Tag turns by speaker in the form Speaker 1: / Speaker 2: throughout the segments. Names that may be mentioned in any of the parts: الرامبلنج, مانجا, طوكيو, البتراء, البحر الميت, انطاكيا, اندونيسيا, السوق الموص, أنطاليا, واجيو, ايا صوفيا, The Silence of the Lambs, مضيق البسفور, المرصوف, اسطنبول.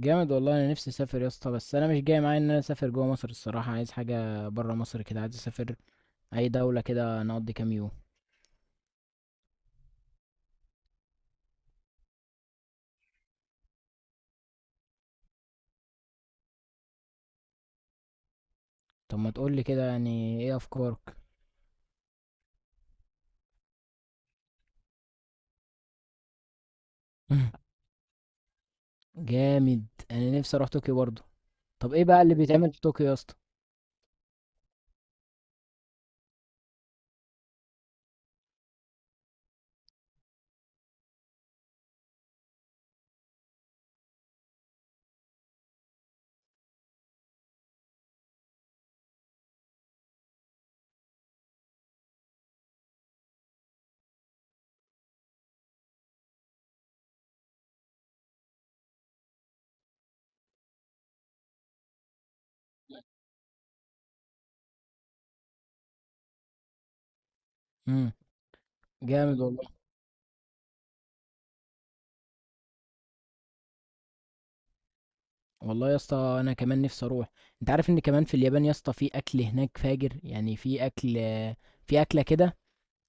Speaker 1: جامد والله. انا نفسي اسافر يا اسطى، بس انا مش جاي معايا ان انا اسافر جوه مصر الصراحه. عايز حاجه بره مصر كده، عايز اسافر اي دوله كده نقضي كام يوم. طب ما تقول لي كده، يعني ايه افكارك؟ جامد. انا نفسي اروح طوكيو برضه. طب ايه بقى اللي بيتعمل في طوكيو يا اسطى؟ امم. جامد والله. والله يا اسطى انا كمان نفسي اروح. انت عارف ان كمان في اليابان يا اسطى، في اكل هناك فاجر. يعني في اكل، في اكله كده.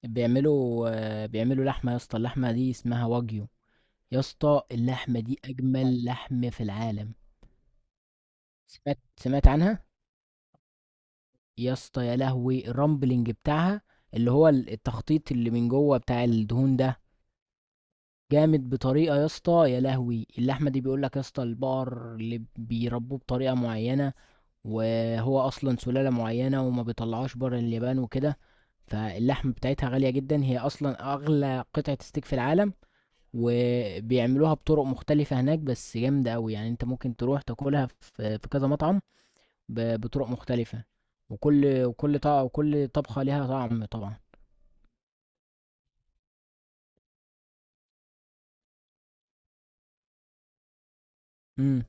Speaker 1: بيعملوا لحمه يا اسطى. اللحمه دي اسمها واجيو. يا اسطى اللحمة دي أجمل لحم في العالم. سمعت عنها. يا اسطى يا لهوي، الرامبلنج بتاعها اللي هو التخطيط اللي من جوه بتاع الدهون ده. جامد بطريقة يا اسطى. يا لهوي اللحمة دي، بيقولك يا اسطى، البقر اللي بيربوه بطريقة معينة، وهو أصلا سلالة معينة وما بيطلعوش بره اليابان وكده. فاللحم بتاعتها غالية جدا، هي أصلا أغلى قطعة ستيك في العالم. وبيعملوها بطرق مختلفة هناك، بس جامدة أوي. يعني أنت ممكن تروح تاكلها في كذا مطعم، بطرق مختلفة. وكل طبق وكل طبخة ليها طعم طبعا. امم.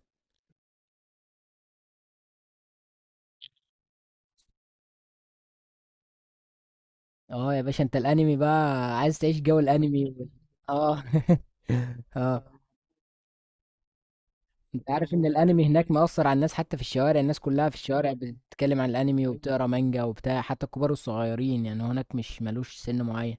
Speaker 1: اه يا باشا، انت الانمي بقى، عايز تعيش جو الانمي. اه اه. انت عارف ان الانمي هناك مأثر على الناس، حتى في الشوارع، الناس كلها في الشوارع بتتكلم عن الانمي وبتقرا مانجا وبتاع، حتى الكبار والصغيرين، يعني هناك مش ملوش سن معين.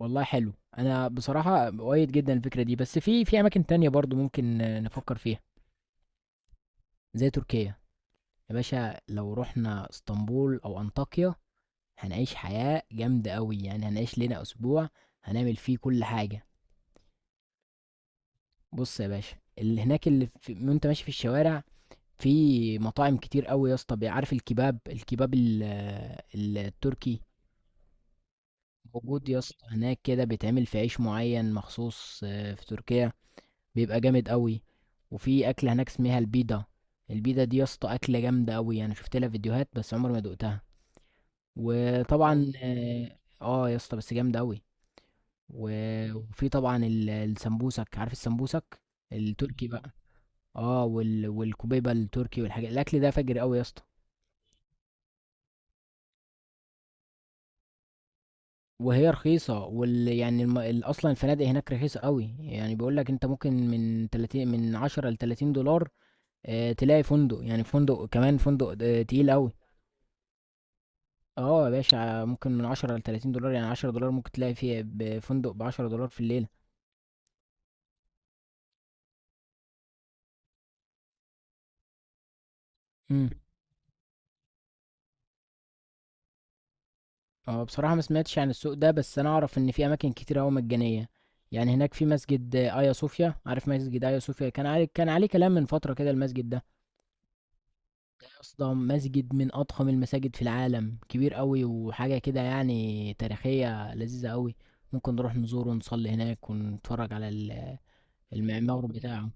Speaker 1: والله حلو. انا بصراحه مؤيد جدا الفكره دي، بس في اماكن تانية برضو ممكن نفكر فيها. زي تركيا. يا باشا لو رحنا اسطنبول او انطاكيا، هنعيش حياه جامده قوي. يعني هنعيش لنا اسبوع، هنعمل فيه كل حاجه. بص يا باشا، اللي هناك، وانت ماشي في الشوارع، في مطاعم كتير قوي يا اسطى. عارف الكباب الكباب ال... آه، التركي موجود يا اسطى. هناك كده بيتعمل في عيش معين مخصوص في تركيا، بيبقى جامد قوي. وفي اكله هناك اسمها البيضه. البيضه دي يا اسطى اكله جامده قوي. انا شفت لها فيديوهات، بس عمري ما دقتها. وطبعا يا اسطى، بس جامده قوي. وفي طبعا السمبوسك. عارف السمبوسك التركي بقى. اه والكبيبه التركي، والحاجات، الاكل ده فجر قوي يا اسطى. وهي رخيصه، وال... يعني الم... ال- اصلا الفنادق هناك رخيصه قوي. يعني بيقول لك انت ممكن من 30، من 10 ل 30 دولار تلاقي فندق، يعني فندق، كمان فندق تقيل قوي. اه يا باشا، ممكن من 10 ل 30 دولار. يعني 10 دولار ممكن تلاقي فيه، بفندق ب 10 دولار في الليله. امم. اه بصراحه ما سمعتش عن السوق ده، بس انا اعرف ان في اماكن كتير قوي مجانيه. يعني هناك في مسجد ايا صوفيا. عارف مسجد ايا صوفيا كان عليه كلام من فتره كده، المسجد ده. اصلا مسجد من اضخم المساجد في العالم، كبير قوي، وحاجه كده يعني تاريخيه لذيذه قوي. ممكن نروح نزوره ونصلي هناك ونتفرج على المعمار بتاعه.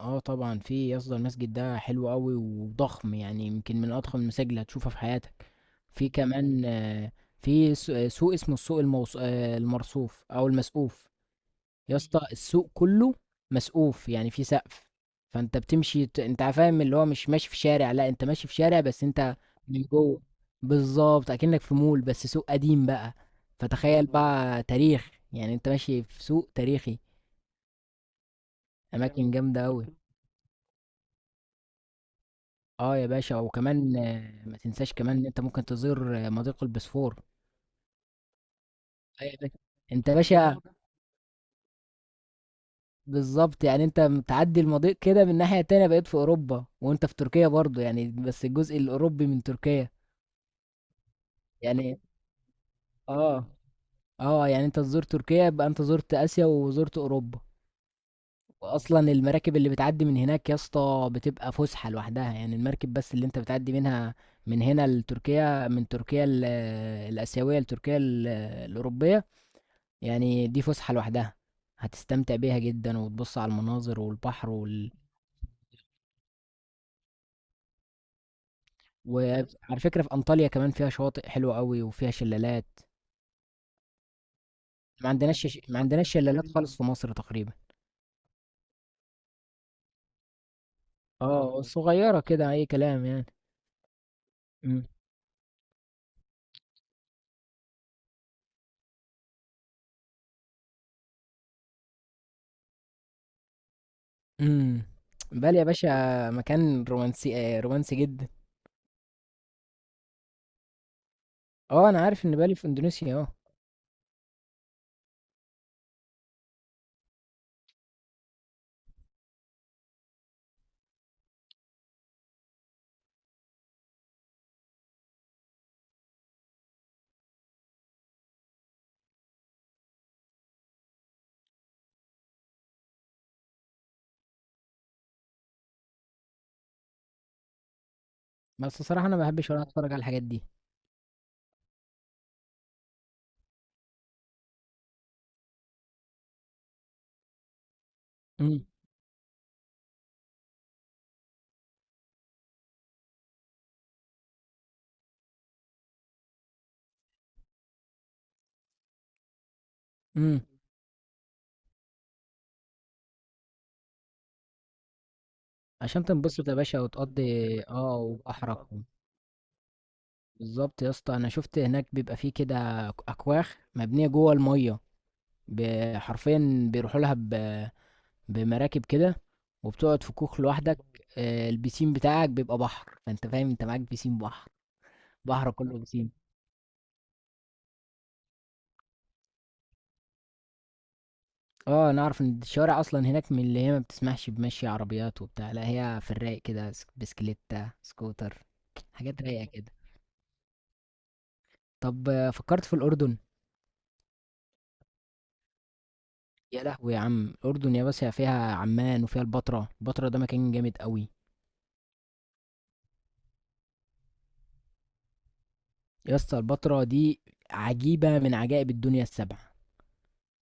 Speaker 1: آه طبعًا في يا اسطى، المسجد ده حلو أوي وضخم، يعني يمكن من أضخم المساجد اللي هتشوفها في حياتك. في كمان في س آه، سوق اسمه السوق الموص المرصوف أو المسقوف، يا اسطى. السوق كله مسقوف، يعني في سقف. فأنت بتمشي، أنت فاهم اللي هو مش ماشي في شارع، لأ، أنت ماشي في شارع بس أنت من جوه. بالضبط، أكنك في مول، بس سوق قديم بقى. فتخيل بقى تاريخ، يعني أنت ماشي في سوق تاريخي. أماكن جامدة أوي. آه يا باشا، وكمان ما تنساش كمان إن أنت ممكن تزور مضيق البسفور. أيوة يا باشا. أنت يا باشا بالظبط، يعني أنت بتعدي المضيق كده من الناحية التانية، بقيت في أوروبا وأنت في تركيا برضه، يعني بس الجزء الأوروبي من تركيا يعني. آه يعني أنت تزور تركيا يبقى أنت زرت آسيا وزرت أوروبا. وأصلا المراكب اللي بتعدي من هناك يا اسطى بتبقى فسحة لوحدها. يعني المركب بس اللي أنت بتعدي منها من هنا لتركيا، من تركيا الآسيوية لتركيا الأوروبية، يعني دي فسحة لوحدها. هتستمتع بيها جدا وتبص على المناظر والبحر وعلى فكرة في أنطاليا كمان، فيها شواطئ حلوة قوي وفيها شلالات. ما عندناش شلالات خالص في مصر تقريبا. اه، صغيرة كده، أي كلام يعني. امم. امم. بالي يا باشا، مكان رومانسي، رومانسي جدا. اه انا عارف ان بالي في اندونيسيا، اه. بس الصراحة انا ما بحبش ولا اتفرج على الحاجات دي. امم. امم. عشان تنبسط يا باشا وتقضي. اه وبحرك. بالظبط يا اسطى، انا شفت هناك بيبقى فيه كده اكواخ مبنيه جوه الميه، حرفيا بيروحوا لها بمراكب كده، وبتقعد في كوخ لوحدك. البيسين بتاعك بيبقى بحر، فانت فاهم، انت معاك بيسين بحر. بحر كله بيسين. اه انا اعرف ان الشوارع اصلا هناك من اللي هي ما بتسمحش بمشي عربيات وبتاع، لا هي في الرايق كده، بسكليتة، سكوتر، حاجات رايقه كده. طب فكرت في الاردن. يا لهوي يا عم، الاردن يا باشا فيها عمان وفيها البتراء. البتراء ده مكان جامد قوي. يا اسطى البتراء دي عجيبة من عجائب الدنيا السبع.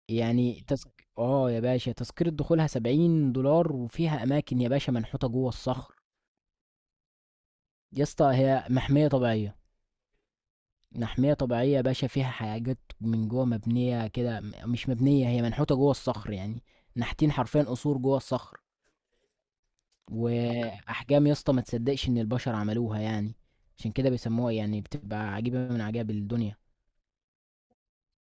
Speaker 1: يعني تسك... اه يا باشا، تذكرة دخولها 70 دولار، وفيها أماكن يا باشا منحوتة جوه الصخر. يا اسطى هي محمية طبيعية. محمية طبيعية يا باشا، فيها حاجات من جوه مبنية كده، مش مبنية، هي منحوتة جوه الصخر يعني. نحتين حرفيا قصور جوه الصخر. وأحجام يا اسطى ما تصدقش إن البشر عملوها يعني. عشان كده بيسموها، يعني بتبقى عجيبة من عجائب الدنيا.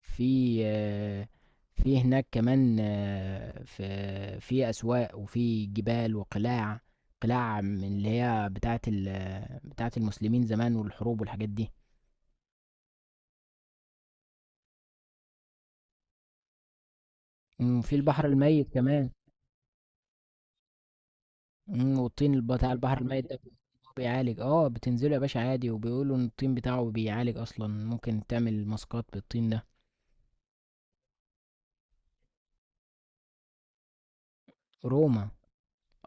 Speaker 1: في آه، في هناك كمان، في أسواق وفي جبال وقلاع. قلاع من اللي هي بتاعة بتاعة المسلمين زمان، والحروب والحاجات دي. مم، وفي البحر الميت كمان. مم، والطين بتاع البحر الميت ده بيعالج. اه بتنزله يا باشا عادي، وبيقولوا ان الطين بتاعه بيعالج اصلا، ممكن تعمل ماسكات بالطين ده. روما.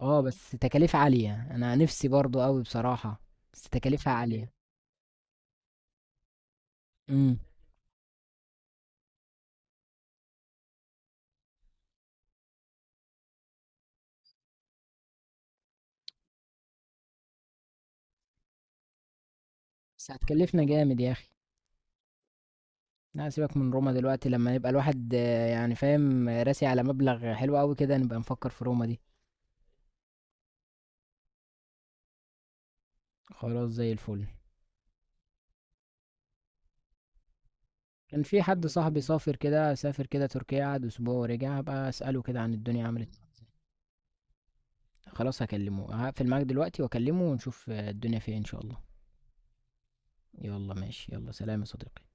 Speaker 1: اه بس تكاليف عالية، انا نفسي برضو قوي بصراحة. بس تكاليفها عالية. امم. بس هتكلفنا جامد يا اخي. لا سيبك من روما دلوقتي، لما يبقى الواحد يعني فاهم، راسي على مبلغ حلو قوي كده، نبقى نفكر في روما دي. خلاص زي الفل. كان في حد صاحبي سافر كده، سافر كده تركيا، قعد اسبوع ورجع. هبقى اساله كده عن الدنيا عملت إيه. خلاص، هكلمه. هقفل معاك دلوقتي واكلمه ونشوف الدنيا فيها إيه ان شاء الله. يلا ماشي، يلا سلام يا صديقي.